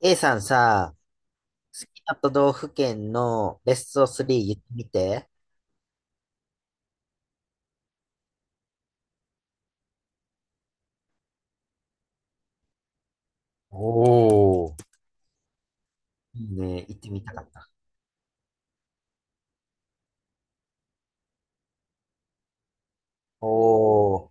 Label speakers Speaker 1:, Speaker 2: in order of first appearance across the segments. Speaker 1: A さんさ、好きな都道府県のベスト3言ってみて。おー、いいね、行ってみたかった。おー、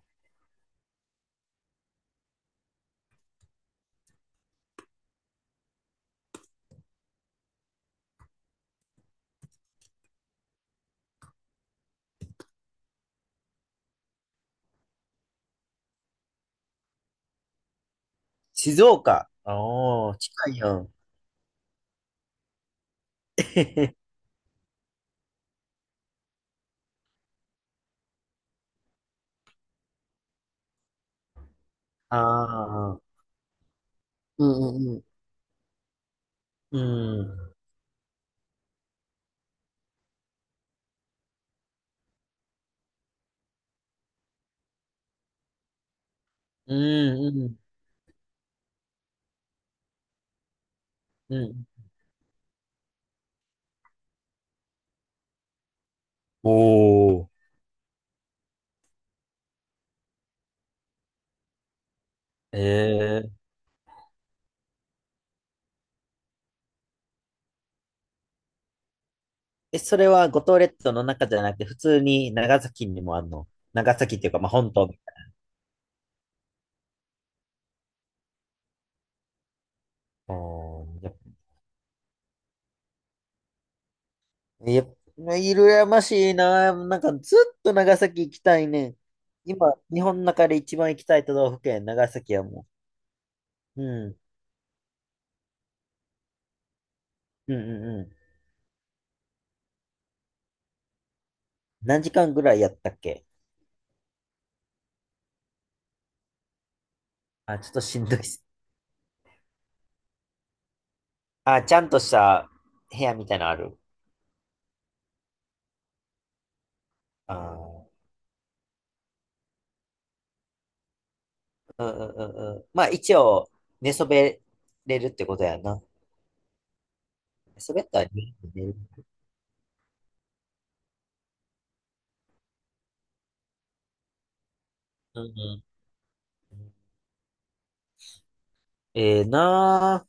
Speaker 1: 静岡。おー、近いよ。ああ、うんうんうん。うん、うんうん、うん。おー、えー、え、それは五島列島の中じゃなくて、普通に長崎にもあるの？長崎っていうか、まあ、本島みたい。あー、やっぱ、羨ましいな。なんかずっと長崎行きたいね。今、日本の中で一番行きたい都道府県、長崎やもん。うん。うんうんうん。何時間ぐらいやったっけ？あ、ちょっとしんどいっす。あ、ちゃんとした部屋みたいなのある？あー、うんうんうんうん。まあ一応、寝そべれるってことやな。寝そべったら寝れる。うんうん。ええなあ。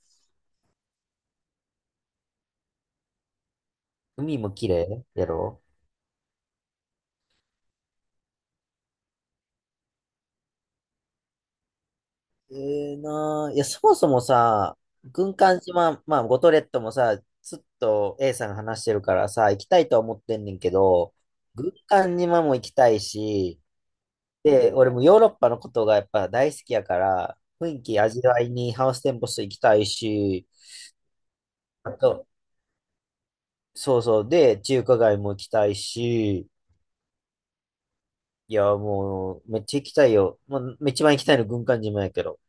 Speaker 1: 海も綺麗やろ？ええなあ。いや、そもそもさ、軍艦島、まあ、五島列島もさ、ずっと A さんが話してるからさ、行きたいとは思ってんねんけど、軍艦島も行きたいし、で、俺もヨーロッパのことがやっぱ大好きやから、雰囲気味わいにハウステンボス行きたいし、あと、そうそう、で、中華街も行きたいし、いや、もう、めっちゃ行きたいよ。まあ、一番行きたいの軍艦島やけど。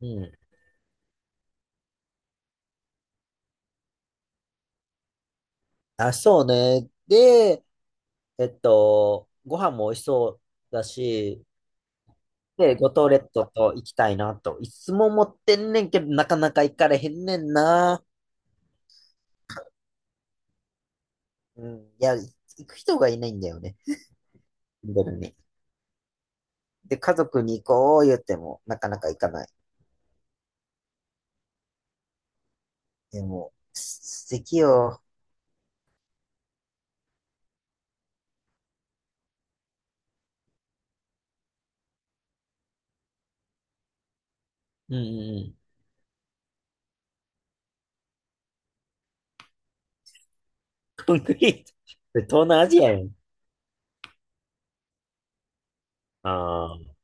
Speaker 1: うん。あ、そうね。で、ご飯も美味しそうだし、で、五島列島と行きたいなと。いつも思ってんねんけど、なかなか行かれへんねんな。うん。いや、行く人がいないんだよね。本当に、で、家族に行こう言っても、なかなか行かない。でも、す、素敵よ。うんうんうん。コンクリート。東南アジアやん。ああ。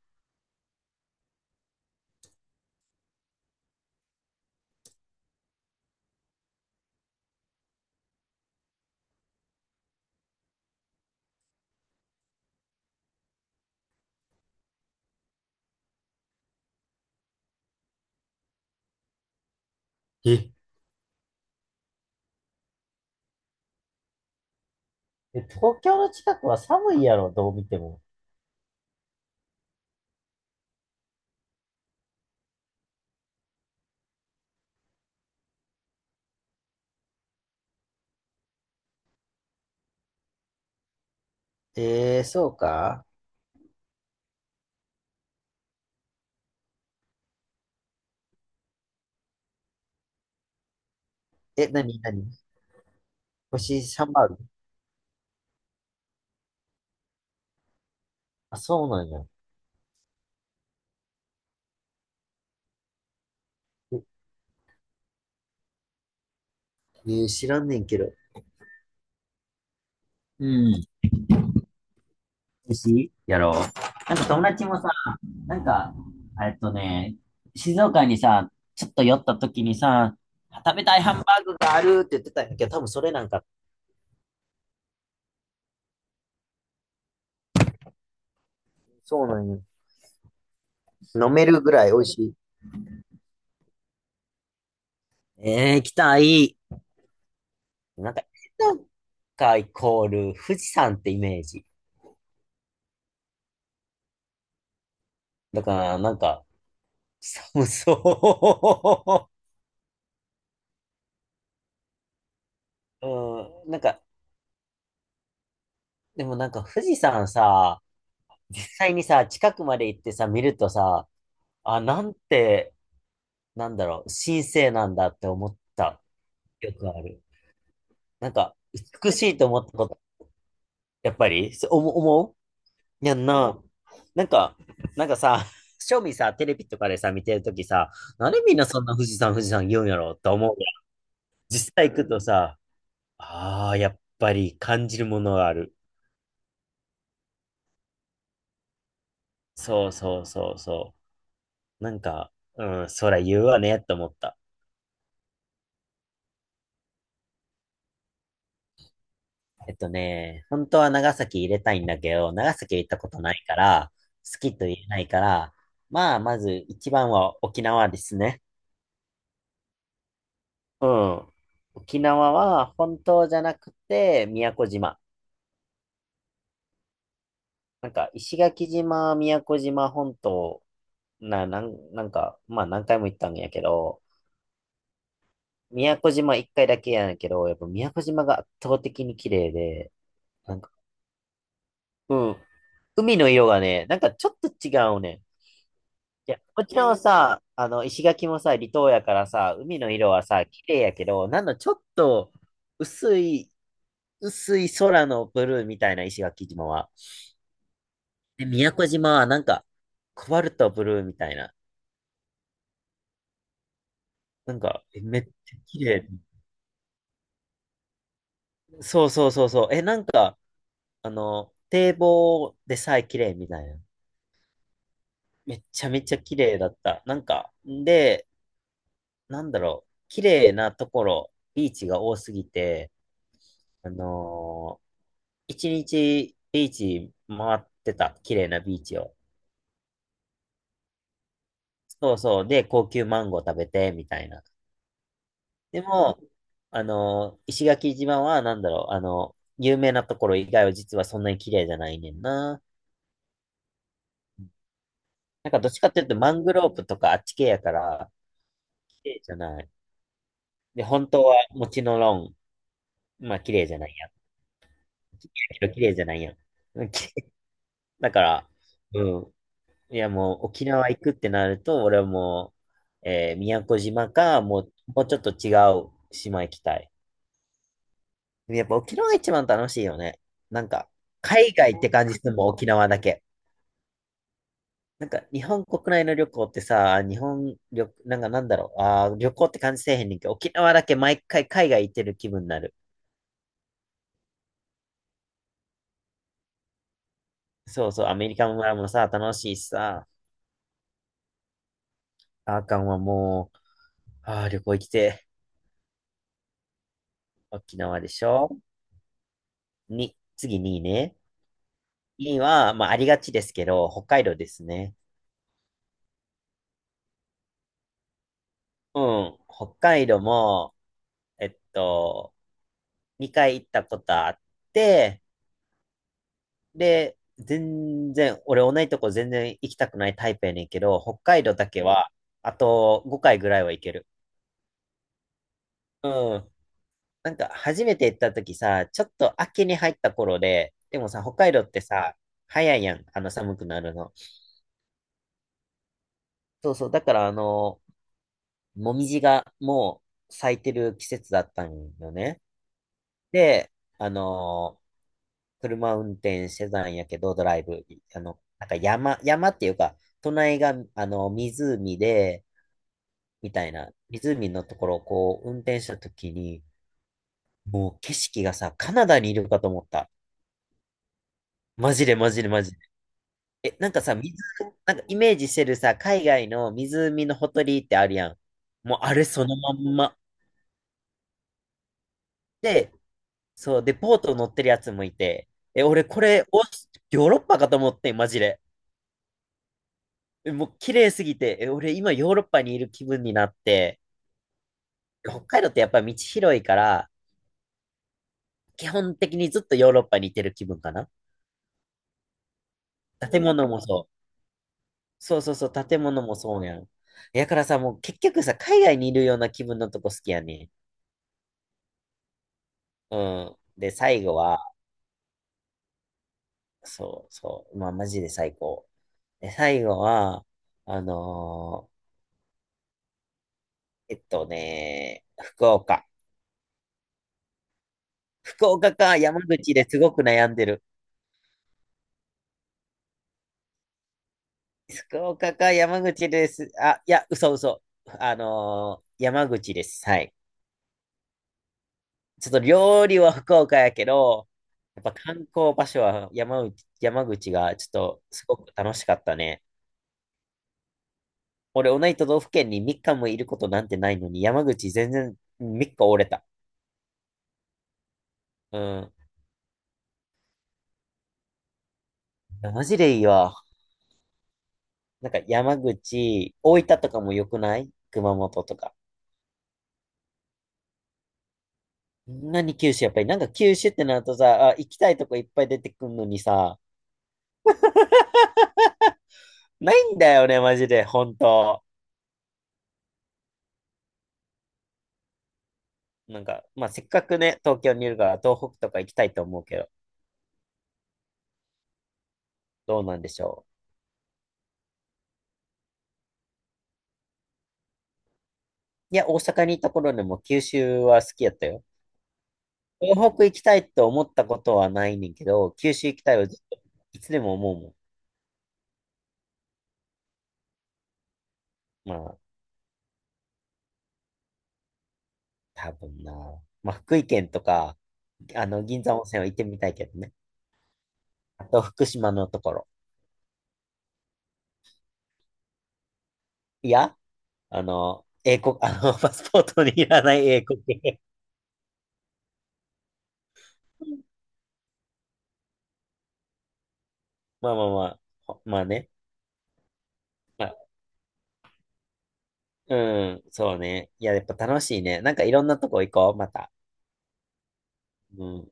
Speaker 1: え、え、東京の近くは寒いやろ、どう見ても。ええー、そうか。え、なになに、星3番ある？あ、そうなんや。え、ねえー、知らんねんけど。うん。寿司やろう。なんか友達もさ、なんか、えっとね、静岡にさ、ちょっと寄った時にさ、食べたいハンバーグがあるって言ってたんやけど、多分それなんか、そうなんよ。飲めるぐらい美味しい。えー、行きたい。なんか、静岡イコール富士山ってイメージ。だから、なんか、寒そう。うん、なんか、でもなんか富士山さ、実際にさ、近くまで行ってさ、見るとさ、あ、なんて、なんだろう、神聖なんだって思った。よくある。なんか、美しいと思ったこと、やっぱり、そう思うやんな。なんか、なんかさ、正味さ、テレビとかでさ、見てるときさ、なんでみんなそんな富士山、富士山言うんやろって思うやん。実際行くとさ、ああ、やっぱり感じるものがある。そうそうそうそう。なんか、うん、そら言うわね、と思った。本当は長崎入れたいんだけど、長崎行ったことないから、好きと言えないから、まあ、まず一番は沖縄ですね。うん。沖縄は本島じゃなくて、宮古島。なんか、石垣島、宮古島本島、なんか、まあ何回も行ったんやけど、宮古島一回だけやねんけど、やっぱ宮古島が圧倒的に綺麗で、なんか、うん。海の色がね、なんかちょっと違うねん。いや、こっちのさ、石垣もさ、離島やからさ、海の色はさ、綺麗やけど、なんのちょっと、薄い、薄い空のブルーみたいな石垣島は。で、宮古島はなんか、コバルトブルーみたいな。なんか、え、めっちゃ綺麗。そうそうそうそう。え、なんか、堤防でさえ綺麗みたいな。めっちゃめちゃ綺麗だった。なんか、で、なんだろう、綺麗なところ、ビーチが多すぎて、あのー一日ビーチ回ってた。綺麗なビーチを。そうそう。で、高級マンゴー食べて、みたいな。でも、石垣島は、なんだろう、有名なところ以外は実はそんなに綺麗じゃないねんな。なんかどっちかっていうと、マングローブとかあっち系やから、綺麗じゃない。で、本当は、もちろん、まあ、綺麗じゃないやん。綺麗やけど綺麗じゃないやん。うんきだから、うん。いや、もう沖縄行くってなると、俺はもう、えー、宮古島か、もう、もうちょっと違う島行きたい。やっぱ沖縄が一番楽しいよね。なんか、海外って感じするもん、沖縄だけ。なんか、日本国内の旅行ってさ、日本旅、なんか、なんだろう、あー、旅行って感じせえへんねんけど、沖縄だけ毎回海外行ってる気分になる。そうそう、アメリカ村もさ、楽しいしさ、あーかんはもう、あー、旅行行きて、沖縄でしょに、次2位ね。には、まあ、ありがちですけど、北海道ですね。うん。北海道も、えっと、2回行ったことあって、で、全然、俺同じとこ全然行きたくないタイプやねんけど、北海道だけは、あと5回ぐらいは行ける。うん。なんか、初めて行った時さ、ちょっと秋に入った頃で、でもさ、北海道ってさ、早いやん、あの寒くなるの。そうそう、だからあの、もみじがもう咲いてる季節だったんよね。で、あのー車運転してたんやけど、ドライブ、あの、なんか山、山っていうか、隣が、あの、湖で、みたいな、湖のところをこう、運転した時に、もう景色がさ、カナダにいるかと思った。マジでマジでマジで。え、なんかさ、水、なんかイメージしてるさ、海外の湖のほとりってあるやん。もうあれそのまんま。で、そう、で、ボート乗ってるやつもいて、え、俺これ、オースヨーロッパかと思ってん、マジで。え、もう綺麗すぎて、え、俺今ヨーロッパにいる気分になって、北海道ってやっぱ道広いから、基本的にずっとヨーロッパにいてる気分かな。建物もそう。そうそうそう、建物もそうやん。やからさ、もう結局さ、海外にいるような気分のとこ好きやね。うん。で、最後は、そうそう、まあマジで最高。で、最後は、あの福岡。福岡か山口ですごく悩んでる。福岡か山口です。あ、いや、嘘嘘。山口です。はい。ちょっと料理は福岡やけど、やっぱ観光場所は山口、山口がちょっとすごく楽しかったね。俺、同じ都道府県に3日もいることなんてないのに、山口全然3日折れた。うん。いやマジでいいわ。なんか山口、大分とかも良くない？熊本とか。何九州やっぱりなんか九州ってなるとさ、あ、行きたいとこいっぱい出てくるのにさ、ないんだよね、マジで、本当。なんか、まあ、せっかくね、東京にいるから、東北とか行きたいと思うけど、どうなんでしょう。いや、大阪にいた頃でも九州は好きやったよ。東北行きたいと思ったことはないねんけど、九州行きたいはずっと、いつでも思うもん。まあ、多分な。まあ、福井県とか、銀山温泉は行ってみたいけどね。あと、福島のところ。いや、あの、英国、あの、パスポートにいらない英国。まあまあまあ、ほまあね。まあ、うん、そうね。いや、やっぱ楽しいね。なんかいろんなとこ行こう、また。うん、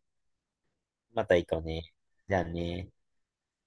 Speaker 1: また行こうね。じゃあね。